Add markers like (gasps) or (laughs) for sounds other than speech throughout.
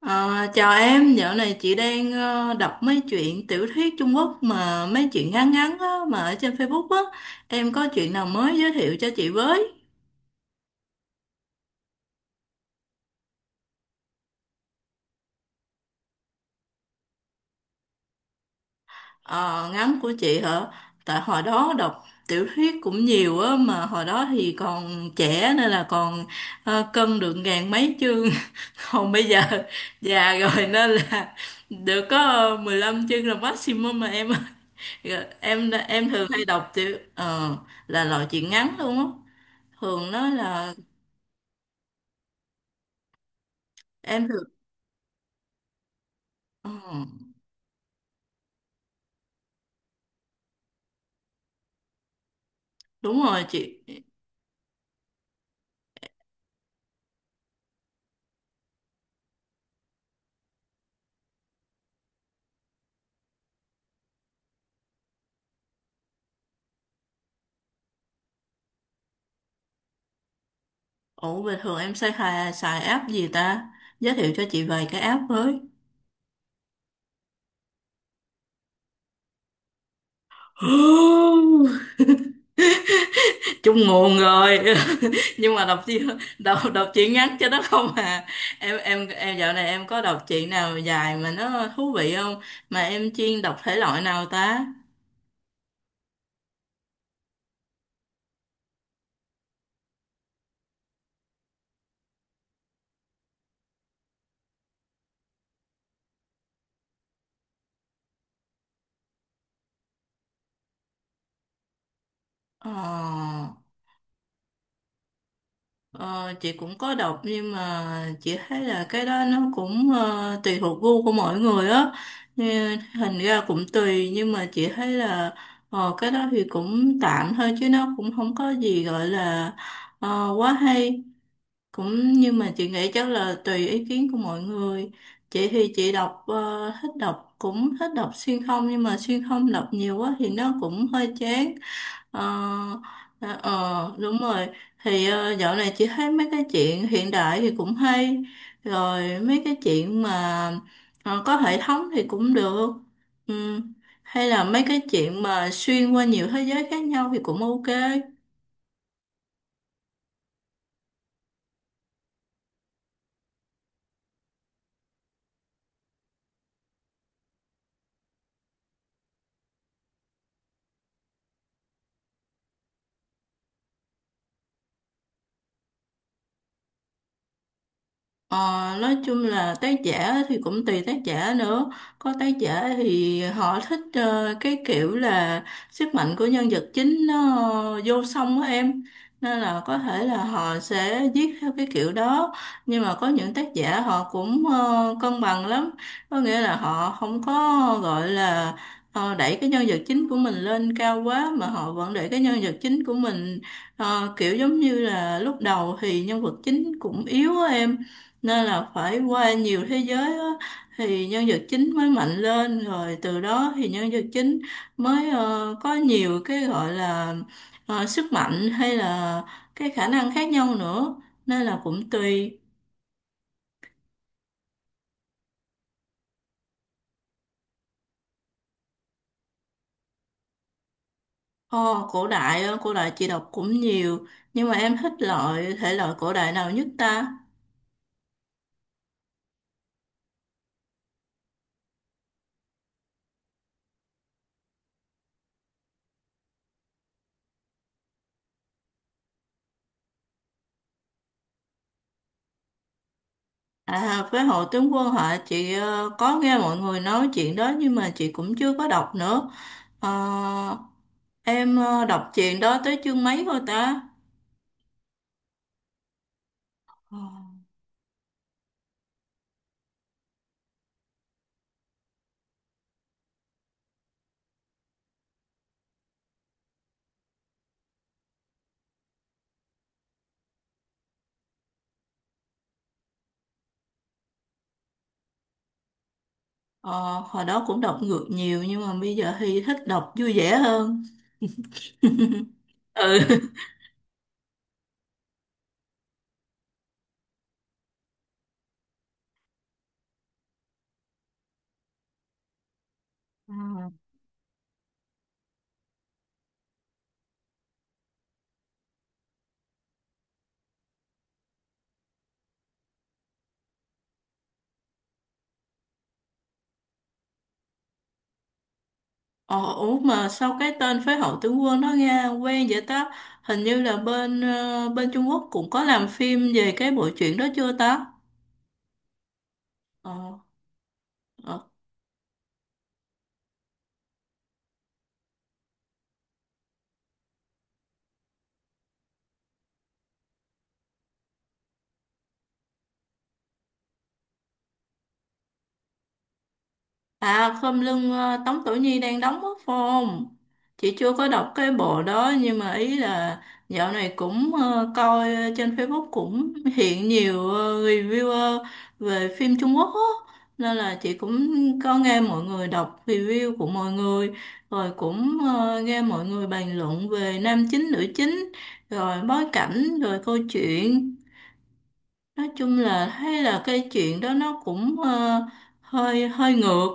Ờ, Chào em, dạo này chị đang đọc mấy chuyện tiểu thuyết Trung Quốc mà mấy chuyện ngắn ngắn á, mà ở trên Facebook á. Em có chuyện nào mới giới thiệu cho chị với? Ờ, Ngắn của chị hả? Tại hồi đó đọc tiểu thuyết cũng nhiều á, mà hồi đó thì còn trẻ nên là còn cân được ngàn mấy chương. (laughs) Còn bây giờ già rồi nên là được có 15 chương là maximum mà em. (laughs) Rồi. Em thường hay đọc là loại chuyện ngắn luôn á. Thường nó là em được. Ờ, Đúng rồi chị. Ủa bình thường em xài app gì ta? Giới thiệu cho chị vài cái app với. (gasps) (laughs) Chung nguồn rồi. (laughs) Nhưng mà đọc chị đọc đọc chị ngắn cho nó không à? Em dạo này em có đọc chị nào dài mà nó thú vị không? Mà em chuyên đọc thể loại nào ta? ờ Ờ, chị cũng có đọc nhưng mà chị thấy là cái đó nó cũng tùy thuộc gu của mỗi người á. Như hình ra cũng tùy nhưng mà chị thấy là cái đó thì cũng tạm thôi chứ nó cũng không có gì gọi là quá hay. Cũng nhưng mà chị nghĩ chắc là tùy ý kiến của mọi người. Chị thì chị đọc thích đọc cũng thích đọc xuyên không nhưng mà xuyên không đọc nhiều quá thì nó cũng hơi chán. Ờ, Đúng rồi. Thì dạo này chị thấy mấy cái chuyện hiện đại thì cũng hay, rồi mấy cái chuyện mà có hệ thống thì cũng được. Ừ. Hay là mấy cái chuyện mà xuyên qua nhiều thế giới khác nhau thì cũng ok. Ờ, nói chung là tác giả thì cũng tùy tác giả nữa. Có tác giả thì họ thích cái kiểu là sức mạnh của nhân vật chính nó vô song á em, nên là có thể là họ sẽ viết theo cái kiểu đó. Nhưng mà có những tác giả họ cũng cân bằng lắm, có nghĩa là họ không có gọi là đẩy cái nhân vật chính của mình lên cao quá mà họ vẫn để cái nhân vật chính của mình kiểu giống như là lúc đầu thì nhân vật chính cũng yếu á em, nên là phải qua nhiều thế giới á, thì nhân vật chính mới mạnh lên rồi từ đó thì nhân vật chính mới có nhiều cái gọi là sức mạnh hay là cái khả năng khác nhau nữa, nên là cũng tùy. Ồ, cổ đại á, cổ đại chị đọc cũng nhiều, nhưng mà em thích loại thể loại cổ đại nào nhất ta? À, với Hồ Tướng Quân hả? Chị có nghe mọi người nói chuyện đó nhưng mà chị cũng chưa có đọc nữa. Ờ, em đọc chuyện đó tới chương mấy thôi ta? Ờ, ờ, Hồi đó cũng đọc ngược nhiều nhưng mà bây giờ thì thích đọc vui vẻ hơn. Ừ. (laughs) Ừ. Ờ, Ủa mà sao cái tên Phế Hậu Tướng Quân nó nghe quen vậy ta? Hình như là bên Trung Quốc cũng có làm phim về cái bộ truyện đó chưa ta? Ờ, ờ. À khom lưng, Tống Tổ Nhi đang đóng mất phong. Chị chưa có đọc cái bộ đó nhưng mà ý là dạo này cũng coi trên Facebook cũng hiện nhiều reviewer về phim Trung Quốc á. Nên là chị cũng có nghe mọi người đọc review của mọi người rồi cũng nghe mọi người bàn luận về nam chính nữ chính rồi bối cảnh rồi câu chuyện, nói chung là thấy là cái chuyện đó nó cũng hơi hơi ngược,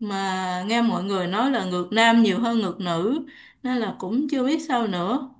mà nghe mọi người nói là ngược nam nhiều hơn ngược nữ nên là cũng chưa biết sao nữa.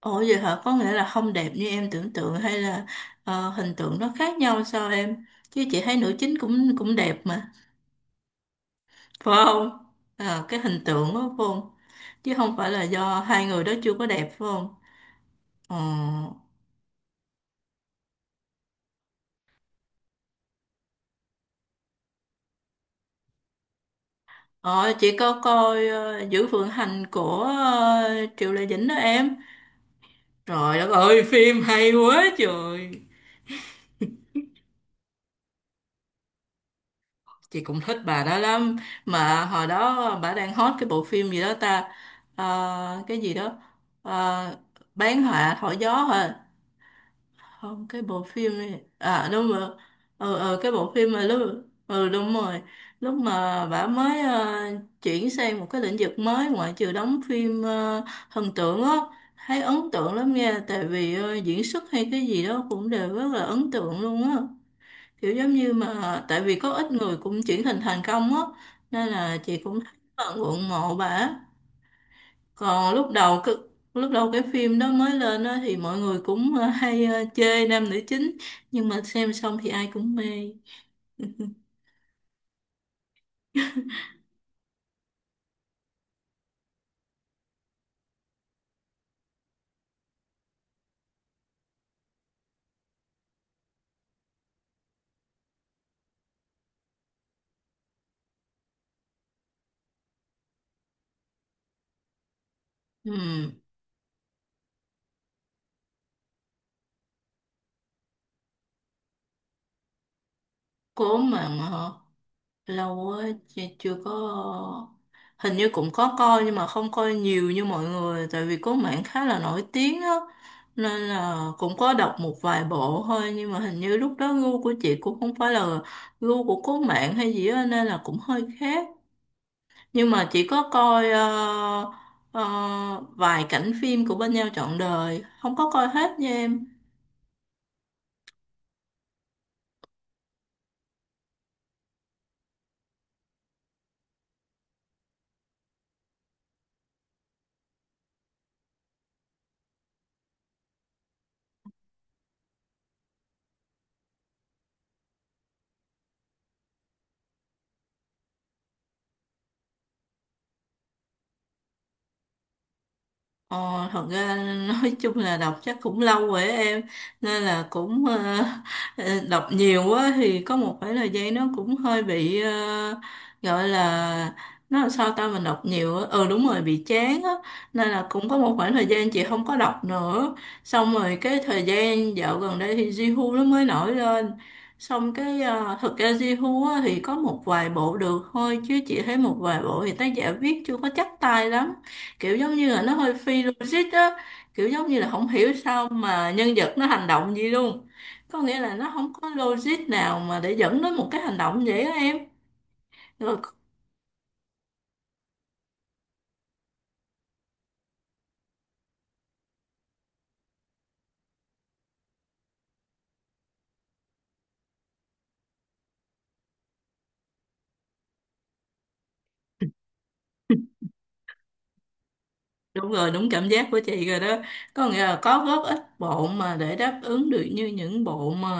Ủa vậy hả, có nghĩa là không đẹp như em tưởng tượng hay là hình tượng nó khác nhau sao em, chứ chị thấy nữ chính cũng cũng đẹp mà phải không? Cái hình tượng đó phải không, chứ không phải là do hai người đó chưa có đẹp phải không? Ờ, ờ, chị có coi Giữ Vượng Hành của Triệu Lệ Dĩnh đó em. Trời đất ơi, phim hay quá trời. Chị cũng thích bà đó lắm. Mà hồi đó bà đang hot cái bộ phim gì đó ta. Cái gì đó. Ờ, bán họa thổi gió hả? Không, cái bộ phim này. À đúng rồi. Ừ, ừ, cái bộ phim mà lúc. Ừ, đúng rồi. Lúc mà bà mới chuyển sang một cái lĩnh vực mới ngoại trừ đóng phim thần tượng á. Thấy ấn tượng lắm nha. Tại vì diễn xuất hay cái gì đó cũng đều rất là ấn tượng luôn á. Kiểu giống như mà tại vì có ít người cũng chuyển hình thành công á, nên là chị cũng thấy rất là ngưỡng mộ bà. Còn lúc đầu cái phim đó mới lên á thì mọi người cũng hay chê nam nữ chính nhưng mà xem xong thì ai cũng mê. Ừ, cố mà họ. Lâu á chị chưa có. Hình như cũng có coi nhưng mà không coi nhiều như mọi người tại vì có mảng khá là nổi tiếng á, nên là cũng có đọc một vài bộ thôi nhưng mà hình như lúc đó gu của chị cũng không phải là gu của cố mạng hay gì á, nên là cũng hơi khác. Nhưng mà chị có coi ờ, vài cảnh phim của Bên Nhau Trọn Đời, không có coi hết nha em. Ờ, Thật ra nói chung là đọc chắc cũng lâu rồi á em, nên là cũng ờ, đọc nhiều quá thì có một khoảng thời gian nó cũng hơi bị gọi là nó làm sao ta, mình đọc nhiều á, ừ đúng rồi, bị chán á, nên là cũng có một khoảng thời gian chị không có đọc nữa. Xong rồi cái thời gian dạo gần đây thì Jihu nó mới nổi lên, xong cái thực ra Jihu á, thì có một vài bộ được thôi chứ chị thấy một vài bộ thì tác giả viết chưa có chắc tay lắm, kiểu giống như là nó hơi phi logic á, kiểu giống như là không hiểu sao mà nhân vật nó hành động gì luôn, có nghĩa là nó không có logic nào mà để dẫn đến một cái hành động vậy á em. Rồi. Đúng rồi, đúng cảm giác của chị rồi đó, có nghĩa là có góp ít bộ mà để đáp ứng được như những bộ mà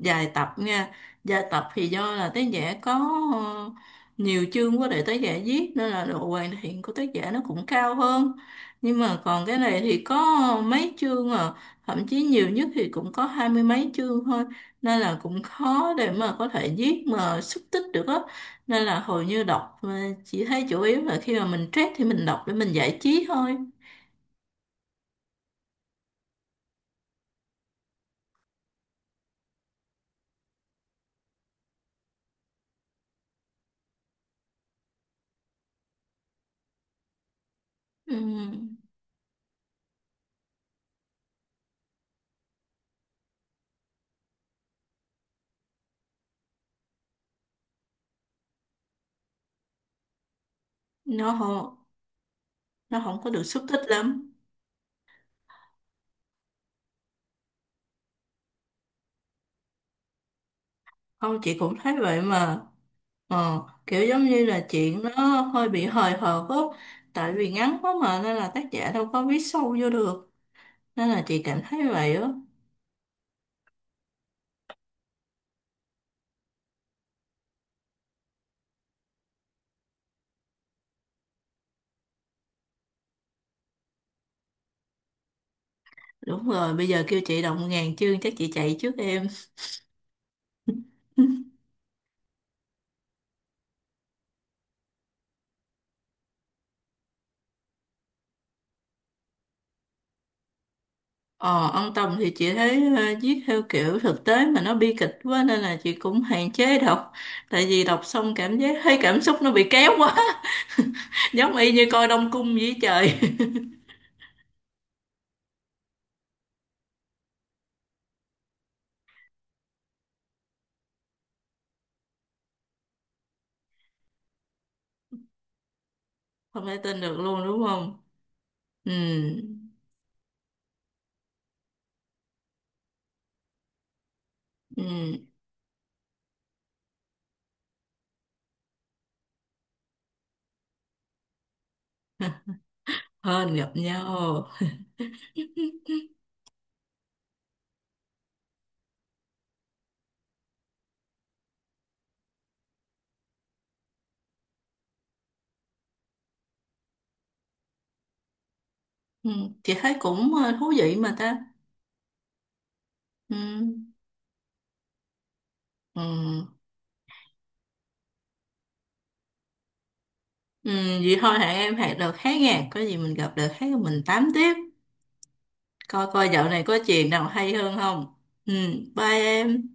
dài tập nha. Dài tập thì do là tác giả có ờ, nhiều chương quá để tác giả viết nên là độ hoàn thiện của tác giả nó cũng cao hơn. Nhưng mà còn cái này thì có mấy chương à, thậm chí nhiều nhất thì cũng có hai mươi mấy chương thôi, nên là cũng khó để mà có thể viết mà xúc tích được á. Nên là hầu như đọc chị thấy chủ yếu là khi mà mình stress thì mình đọc để mình giải trí thôi. Ừ, nó không nó không có được xúc tích lắm. Không, chị cũng thấy vậy mà. ờ, Kiểu giống như là chuyện nó hơi bị hời hợt á, tại vì ngắn quá mà nên là tác giả đâu có viết sâu vô được, nên là chị cảm thấy vậy á. Đúng rồi, bây giờ kêu chị đọc ngàn chương chắc chị chạy trước em. (laughs) Ờ, ông Tùng thì chị thấy viết theo kiểu thực tế mà nó bi kịch quá nên là chị cũng hạn chế đọc, tại vì đọc xong cảm giác thấy cảm xúc nó bị kéo quá. (laughs) Giống y như coi Đông Cung với trời. (laughs) Không thể tin được luôn đúng không? Ừ. Ừ. Hên gặp nhau. (laughs) Ừ. Chị thấy cũng thú vị mà ta. Ừ. Ừ. Ừ. Vậy thôi, hẹn em, hẹn đợt khác nha, có gì mình gặp đợt khác mình tám tiếp. Coi coi dạo này có chuyện nào hay hơn không. Ừ. Bye em.